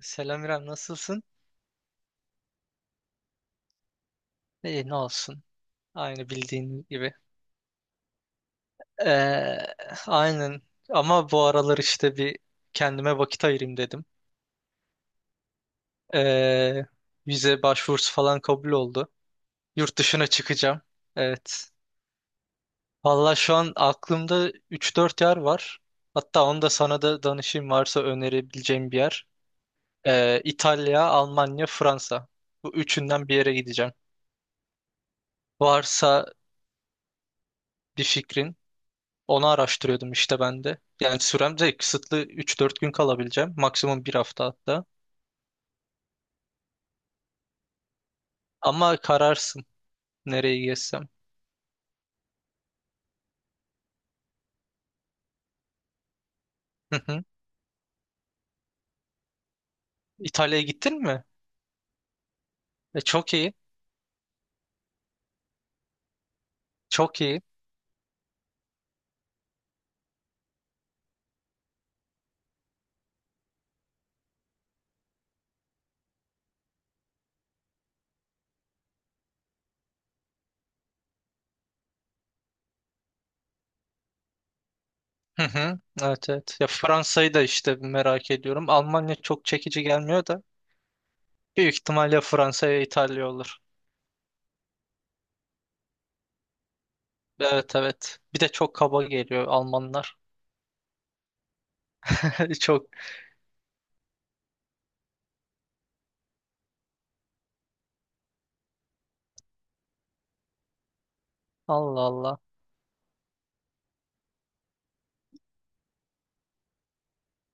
Selam İrem, nasılsın? İyi, ne olsun. Aynı bildiğin gibi. Ee, aynen. Ama bu aralar işte bir kendime vakit ayırayım dedim. Ee, Vize başvurusu falan kabul oldu. Yurt dışına çıkacağım. Evet. Valla şu an aklımda üç dört yer var. Hatta onu da sana da danışayım varsa önerebileceğim bir yer. İtalya, Almanya, Fransa. Bu üçünden bir yere gideceğim. Varsa bir fikrin. Onu araştırıyordum işte ben de. Yani sürem de kısıtlı, üç dört gün kalabileceğim. Maksimum bir hafta hatta. Ama kararsın nereye gezsem. Hı hı. İtalya'ya gittin mi? E, çok iyi. Çok iyi. Hı hı. Evet evet. Ya Fransa'yı da işte merak ediyorum. Almanya çok çekici gelmiyor da. Büyük ihtimalle Fransa'ya İtalya olur. Evet evet. Bir de çok kaba geliyor Almanlar. Çok. Allah Allah.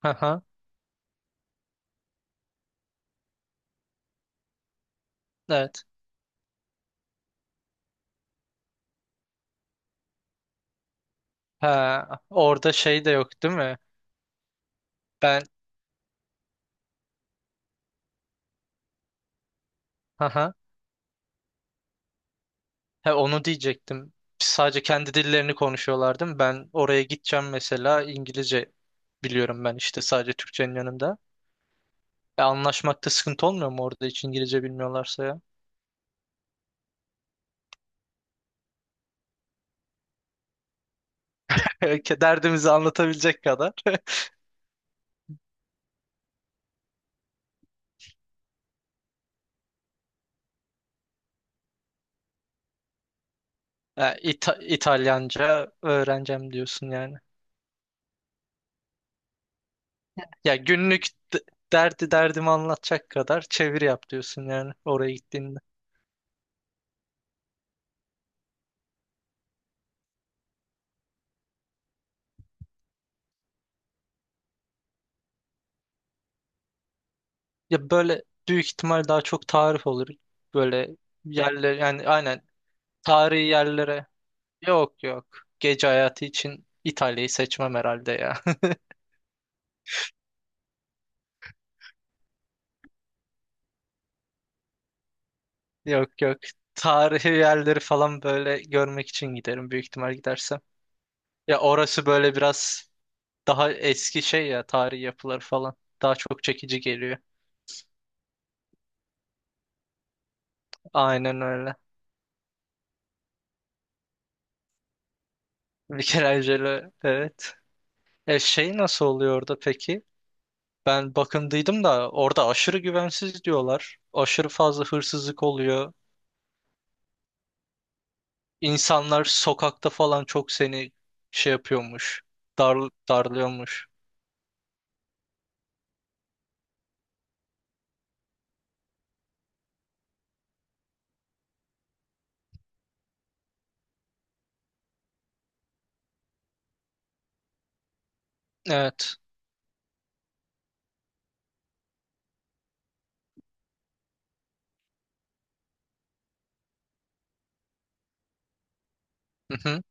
Hı hı. Evet. Ha, orada şey de yok değil mi? Ben. Hı hı. He, onu diyecektim. Sadece kendi dillerini konuşuyorlar değil mi? Ben oraya gideceğim mesela, İngilizce biliyorum ben işte sadece Türkçenin yanında. E, anlaşmakta sıkıntı olmuyor mu orada hiç İngilizce bilmiyorlarsa ya? Derdimizi anlatabilecek kadar. Ha, İtalyanca öğreneceğim diyorsun yani. Ya günlük d- derdimi anlatacak kadar çeviri yap diyorsun yani oraya gittiğinde. Ya böyle büyük ihtimal daha çok tarif olur. Böyle yerler yani, aynen, tarihi yerlere. Yok yok. Gece hayatı için İtalya'yı seçmem herhalde ya. Yok yok. Tarihi yerleri falan böyle görmek için giderim büyük ihtimal gidersem. Ya orası böyle biraz daha eski şey ya, tarihi yapılar falan. Daha çok çekici geliyor. Aynen öyle. Michelangelo evet. E şey nasıl oluyor orada peki? Ben bakındıydım da orada aşırı güvensiz diyorlar. Aşırı fazla hırsızlık oluyor. İnsanlar sokakta falan çok seni şey yapıyormuş. Dar, darlıyormuş. Evet. Hı hı.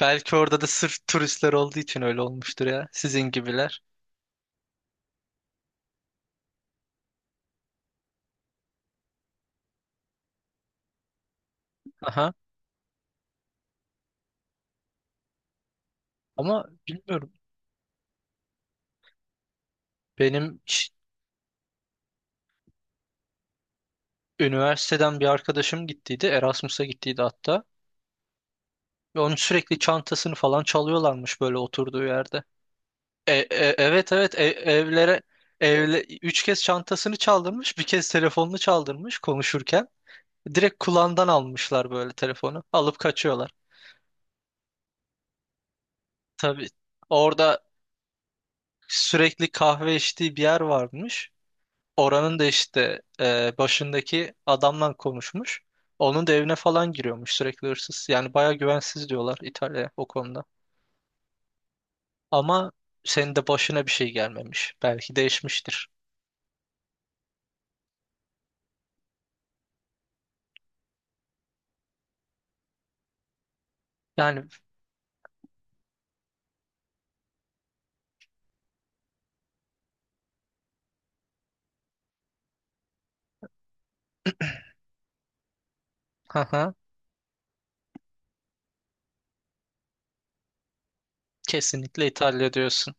Belki orada da sırf turistler olduğu için öyle olmuştur ya. Sizin gibiler. Aha. Ama bilmiyorum. Benim üniversiteden bir arkadaşım gittiydi. Erasmus'a gittiydi hatta. Ve onun sürekli çantasını falan çalıyorlarmış böyle oturduğu yerde. E, e- evet evet e- evlere Üç kez çantasını çaldırmış. Bir kez telefonunu çaldırmış konuşurken. Direkt kulağından almışlar böyle telefonu. Alıp kaçıyorlar. Tabii orada sürekli kahve içtiği bir yer varmış. Oranın da işte başındaki adamla konuşmuş. Onun da evine falan giriyormuş sürekli hırsız. Yani baya güvensiz diyorlar İtalya o konuda. Ama senin de başına bir şey gelmemiş. Belki değişmiştir. Yani haha, kesinlikle İtalya diyorsun.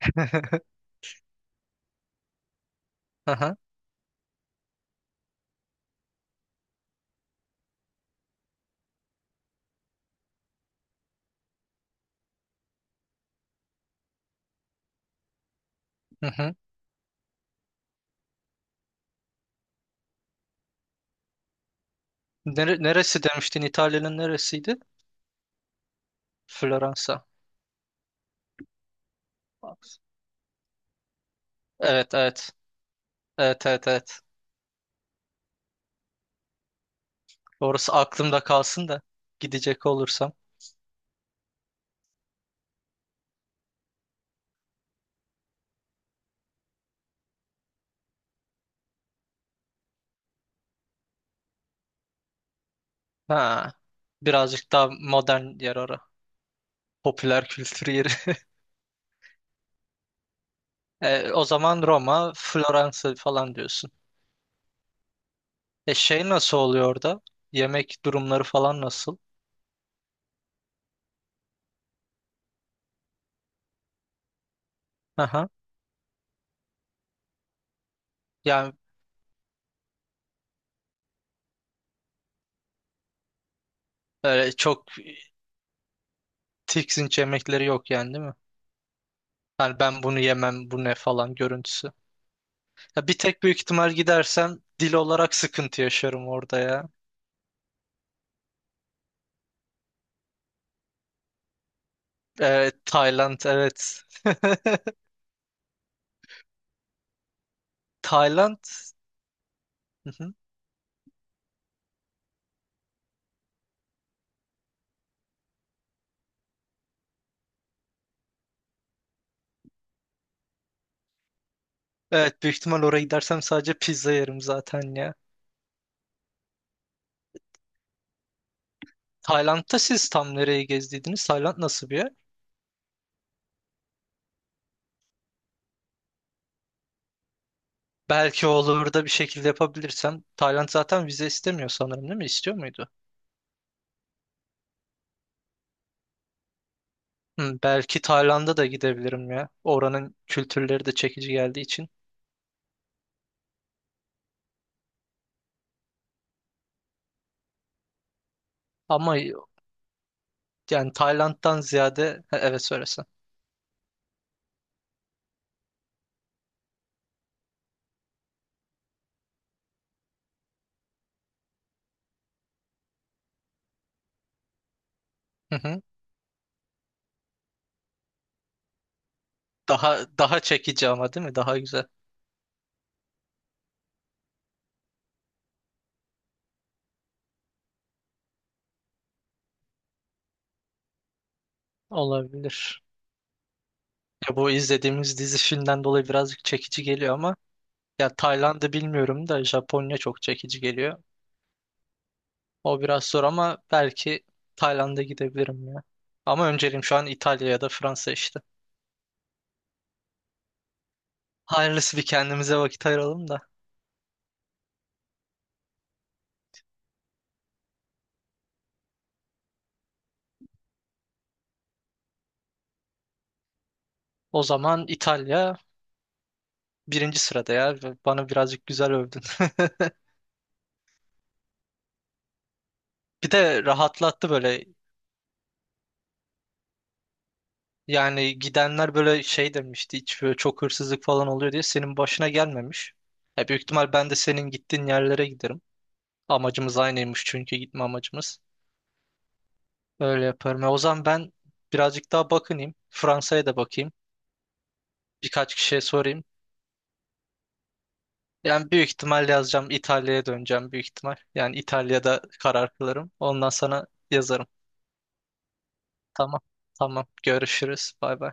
Aha, hı hı. Neresi demiştin? İtalya'nın neresiydi? Floransa. Evet evet. Evet evet evet. Orası aklımda kalsın da gidecek olursam. Ha, birazcık daha modern yer ora. Popüler kültür yeri. E, o zaman Roma, Floransa falan diyorsun. E şey nasıl oluyor orada? Yemek durumları falan nasıl? Aha. Yani öyle çok tiksinç yemekleri yok yani değil mi? Yani ben bunu yemem, bu ne falan görüntüsü. Ya bir tek büyük ihtimal gidersem dil olarak sıkıntı yaşarım orada ya. Evet, Tayland evet. Tayland. Hı hı. Evet büyük ihtimal oraya gidersem sadece pizza yerim zaten ya. Tayland'da siz tam nereye gezdiydiniz? Tayland nasıl bir yer? Belki olur da bir şekilde yapabilirsem. Tayland zaten vize istemiyor sanırım değil mi? İstiyor muydu? Hı, belki Tayland'a da gidebilirim ya. Oranın kültürleri de çekici geldiği için. Ama yani Tayland'dan ziyade. Ha, evet söylesen. Hı hı. Daha daha çekici ama değil mi? Daha güzel olabilir. Ya bu izlediğimiz dizi filmden dolayı birazcık çekici geliyor ama. Ya Tayland'ı bilmiyorum da Japonya çok çekici geliyor. O biraz zor ama belki Tayland'a gidebilirim ya. Ama önceliğim şu an İtalya ya da Fransa işte. Hayırlısı, bir kendimize vakit ayıralım da. O zaman İtalya birinci sırada ya. Bana birazcık güzel övdün. Bir de rahatlattı böyle. Yani gidenler böyle şey demişti. Hiç böyle çok hırsızlık falan oluyor diye, senin başına gelmemiş. Ya büyük ihtimal ben de senin gittiğin yerlere giderim. Amacımız aynıymış çünkü, gitme amacımız. Öyle yaparım. E, o zaman ben birazcık daha bakınayım. Fransa'ya da bakayım. Birkaç kişiye sorayım. Yani büyük ihtimal yazacağım. İtalya'ya döneceğim büyük ihtimal. Yani İtalya'da karar kılarım. Ondan sana yazarım. Tamam. Tamam. Görüşürüz. Bay bay.